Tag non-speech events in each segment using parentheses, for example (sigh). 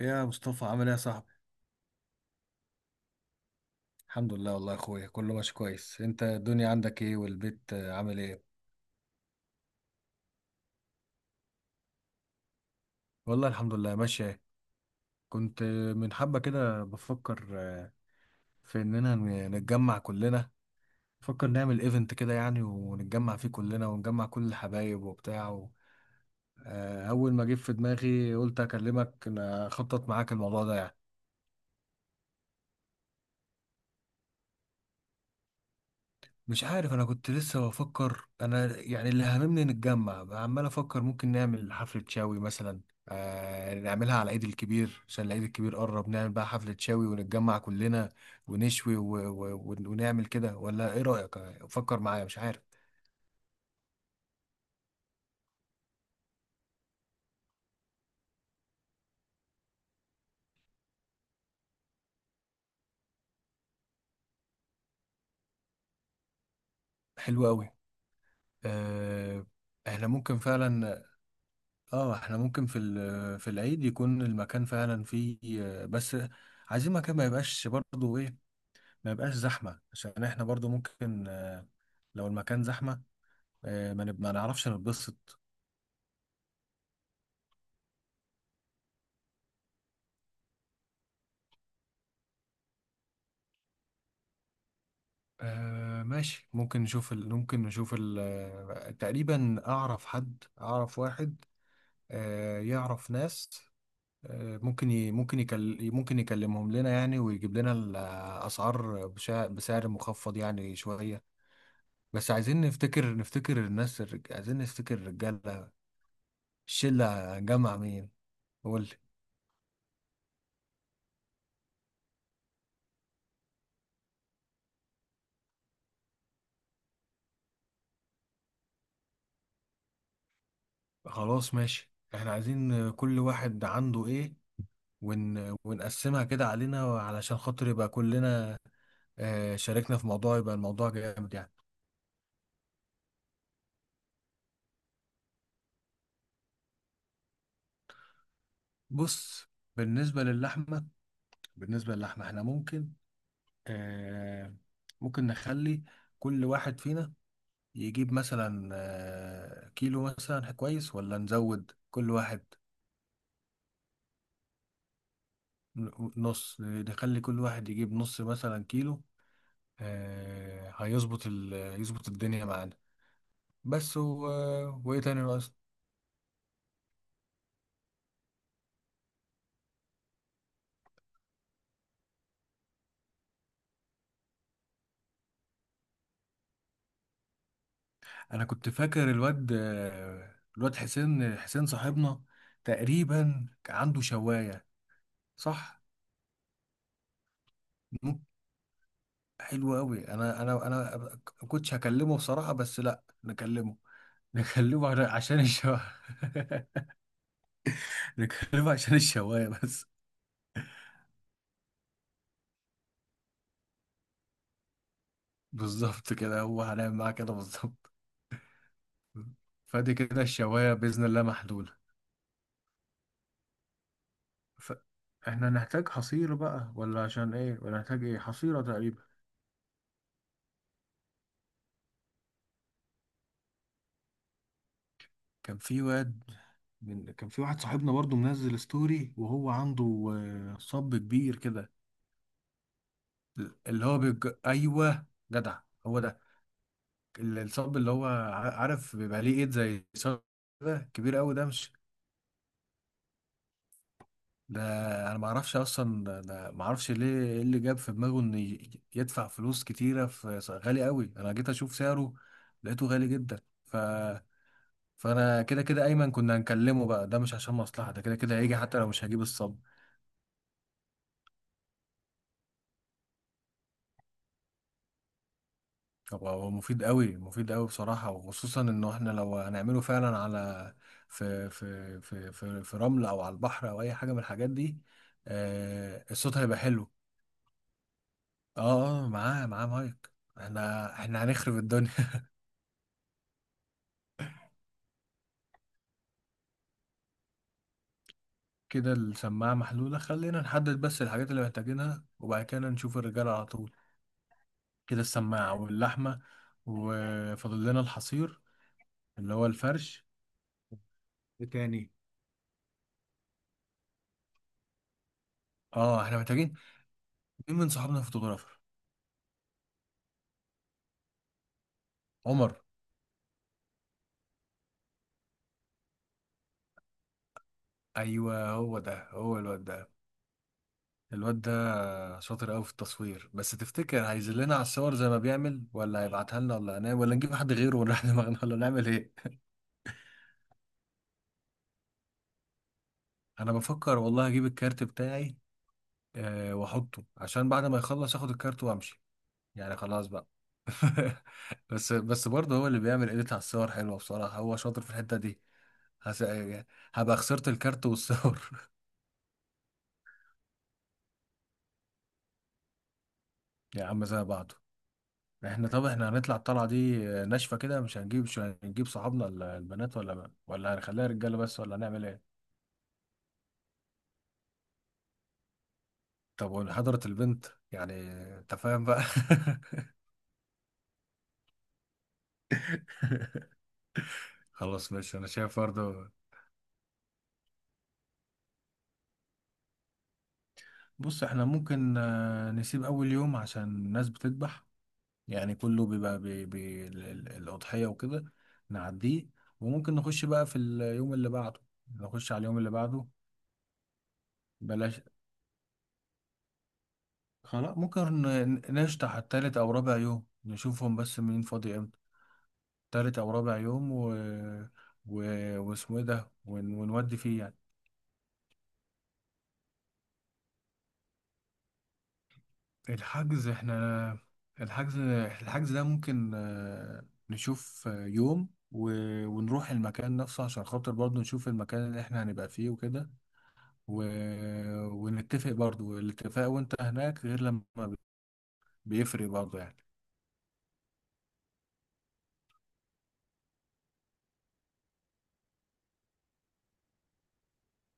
يا مصطفى عامل ايه يا صاحبي؟ الحمد لله والله يا اخويا، كله ماشي كويس. انت الدنيا عندك ايه والبيت، عامل ايه؟ والله الحمد لله ماشية. كنت من حبة كده بفكر في اننا نتجمع كلنا. بفكر نعمل ايفنت كده يعني، ونتجمع فيه كلنا ونجمع كل الحبايب وبتاع اول ما جه في دماغي قلت اكلمك، اخطط معاك الموضوع ده يعني. مش عارف، انا كنت لسه بفكر انا، يعني اللي هممني نتجمع، عمال افكر ممكن نعمل حفلة شاوي مثلا. نعملها على العيد الكبير، عشان العيد الكبير قرب، نعمل بقى حفلة شاوي ونتجمع كلنا ونشوي ونعمل كده، ولا ايه رأيك؟ فكر معايا، مش عارف. حلو قوي. آه. احنا ممكن فعلا. اه، احنا ممكن في في العيد يكون المكان فعلا فيه، بس عايزين مكان ما يبقاش برضه ايه، ما يبقاش زحمة، عشان احنا برضو ممكن لو المكان زحمة ما نعرفش نتبسط. ماشي، ممكن نشوف ال... ممكن نشوف ال... آه، تقريبا أعرف حد، أعرف واحد يعرف ناس، ممكن يكلمهم لنا يعني، ويجيب لنا الأسعار بسعر مخفض يعني شوية. بس عايزين نفتكر، عايزين نفتكر الرجالة. الشلة جمع مين؟ قول. خلاص ماشي، احنا عايزين كل واحد عنده ايه ونقسمها كده علينا، علشان خاطر يبقى كلنا شاركنا في موضوع، يبقى الموضوع جامد يعني. بص، بالنسبة للحمة، احنا ممكن آه، ممكن نخلي كل واحد فينا يجيب مثلا كيلو مثلا، كويس؟ ولا نزود كل واحد نص، نخلي كل واحد يجيب نص مثلا كيلو آه، هيظبط ال... يظبط الدنيا معانا. بس وايه تاني ناقص؟ انا كنت فاكر الواد الواد حسين، حسين صاحبنا تقريبا عنده شوايه. صح. مم. حلو قوي. انا ما كنتش هكلمه بصراحه، بس لا نكلمه، نكلمه عشان الشوايه. (laughs) نكلمه عشان الشوايه بس. بالظبط كده، هو هنعمل معاه كده بالظبط. فدي كده الشوايه باذن الله محلوله. ف... احنا نحتاج حصير بقى، ولا عشان ايه، ولا نحتاج ايه؟ حصيره تقريبا. كان في واد كان في واحد صاحبنا برضو منزل ستوري، وهو عنده صب كبير كده. اللي هو ايوه، جدع، هو ده. الصب اللي هو عارف، بيبقى ليه ايد زي صب كده، كبير قوي، ده مش، ده انا ما اعرفش اصلا، ده ما اعرفش ليه ايه اللي جاب في دماغه ان يدفع فلوس كتيره في غالي قوي، انا جيت اشوف سعره لقيته غالي جدا فانا كده كده ايمن كنا هنكلمه بقى، ده مش عشان مصلحه، ده كده كده هيجي حتى لو مش هجيب الصب. هو مفيد قوي، مفيد قوي بصراحة، وخصوصا انه احنا لو هنعمله فعلا على في رمل او على البحر او اي حاجة من الحاجات دي. آه، الصوت هيبقى حلو. اه، اه، معاه مايك. احنا هنخرب الدنيا. (laughs) كده السماعة محلولة، خلينا نحدد بس الحاجات اللي محتاجينها، وبعد كده نشوف الرجالة على طول. كده السماعة واللحمة، وفاضل لنا الحصير اللي هو الفرش. إيه تاني؟ اه، احنا محتاجين، مين من صحابنا فوتوغرافر؟ عمر. ايوه، هو ده، هو الواد ده. الواد ده شاطر قوي في التصوير، بس تفتكر هيذلنا على الصور زي ما بيعمل، ولا هيبعتها لنا، ولا هنعمل، ولا نجيب حد غيره ونريح (laughs) دماغنا، ولا نعمل ايه؟ انا بفكر والله اجيب الكارت بتاعي واحطه، عشان بعد ما يخلص اخد الكارت وامشي. يعني خلاص بقى. (laughs) بس برضه هو اللي بيعمل اديت على الصور، حلوه بصراحه، هو شاطر في الحته دي. هس... هبقى خسرت الكارت والصور. (laughs) يا عم زي بعضه. طب احنا هنطلع الطلعة دي ناشفة كده؟ مش هنجيب صحابنا البنات، ولا هنخليها رجالة بس، ولا هنعمل ايه؟ طب وحضرت البنت يعني؟ انت فاهم بقى. (laughs) خلاص ماشي، انا شايف برضه. بص، احنا ممكن نسيب اول يوم عشان الناس بتذبح، يعني كله بيبقى الأضحية وكده، نعديه، وممكن نخش بقى في اليوم اللي بعده، نخش على اليوم اللي بعده. بلاش. خلاص ممكن نشطح التالت او رابع يوم، نشوفهم، بس مين فاضي امتى؟ تالت او رابع يوم و... واسمه ايه ده ونودي فيه يعني. الحجز، احنا الحجز الحجز ده ممكن نشوف يوم ونروح المكان نفسه، عشان خاطر برضه نشوف المكان اللي احنا هنبقى فيه وكده، و... ونتفق برضه، الاتفاق وانت هناك غير، لما بيفرق برضه يعني.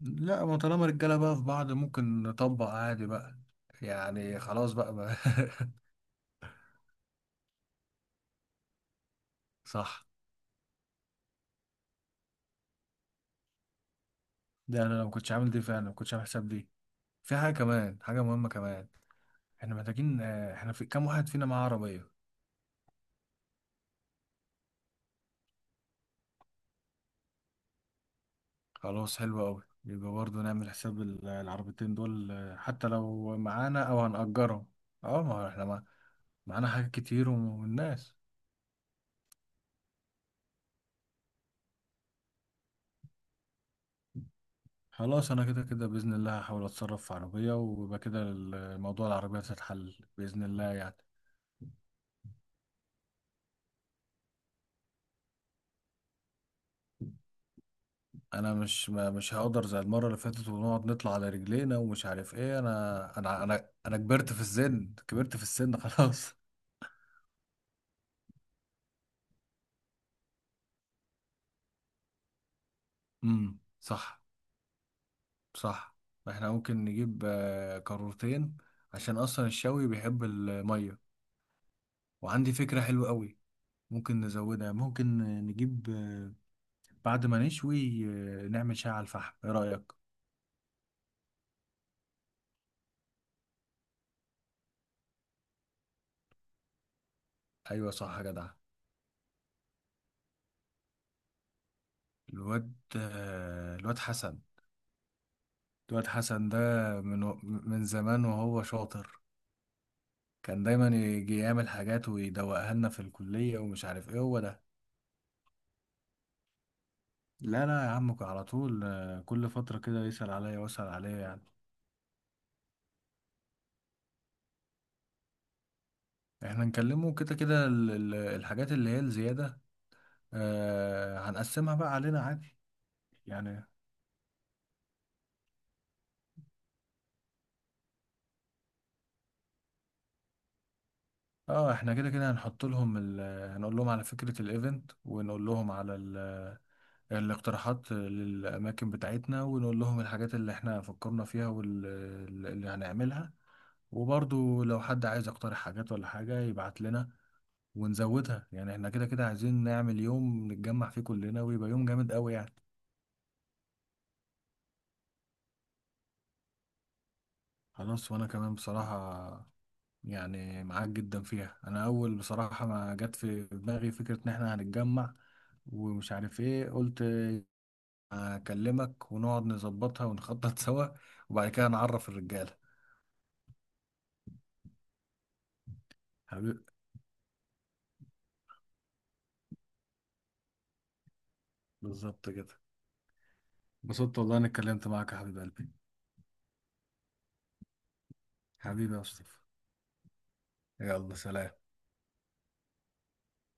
لا، ما طالما رجالة بقى في بعض، ممكن نطبق عادي بقى يعني. خلاص بقى. (laughs) صح. ده انا ما كنتش عامل دي فعلا، ما كنتش عامل حساب دي. في حاجة مهمة كمان. احنا محتاجين، احنا في كام واحد فينا معاه عربية؟ خلاص حلو قوي، يبقى برضه نعمل حساب العربيتين دول حتى لو معانا او هنأجرهم. اه، ما هو احنا معانا حاجات كتير والناس. خلاص، انا كده كده بإذن الله هحاول اتصرف في عربية، ويبقى كده الموضوع العربية هتتحل بإذن الله يعني. انا مش ما مش هقدر زي المرة اللي فاتت ونقعد نطلع على رجلينا ومش عارف ايه، انا كبرت في السن، كبرت في السن، خلاص. (laughs) صح. صح، احنا ممكن نجيب قارورتين، عشان اصلا الشوي بيحب الميه. وعندي فكرة حلوة قوي. ممكن نزودها، ممكن نجيب بعد ما نشوي نعمل شاي على الفحم، ايه رأيك؟ ايوه صح يا جدع. الواد الواد حسن ده، من من زمان وهو شاطر. كان دايما يجي يعمل حاجات ويدوقها لنا في الكلية، ومش عارف ايه، هو ده. لا لا يا عم، على طول كل فترة كده يسأل عليا واسأل عليا يعني. احنا نكلمه كده كده، الحاجات اللي هي الزيادة، هنقسمها بقى علينا عادي يعني. اه، احنا كده كده هنحط لهم هنقول لهم على فكرة الايفنت، ونقول لهم على الاقتراحات للأماكن بتاعتنا، ونقول لهم الحاجات اللي احنا فكرنا فيها واللي هنعملها، وبرضو لو حد عايز يقترح حاجات ولا حاجة يبعت لنا ونزودها، يعني احنا كده كده عايزين نعمل يوم نتجمع فيه كلنا، ويبقى يوم جامد قوي يعني. خلاص، وانا كمان بصراحة يعني معاك جدا فيها. انا اول بصراحة ما جت في دماغي فكرة ان احنا هنتجمع ومش عارف ايه، قلت اكلمك ونقعد نظبطها ونخطط (laughs) سوا، وبعد كده نعرف الرجالة. حبيبي. بالظبط كده. انبسطت والله اني اتكلمت معاك يا حبيب قلبي. حبيبي يا مصطفى. يلا سلام.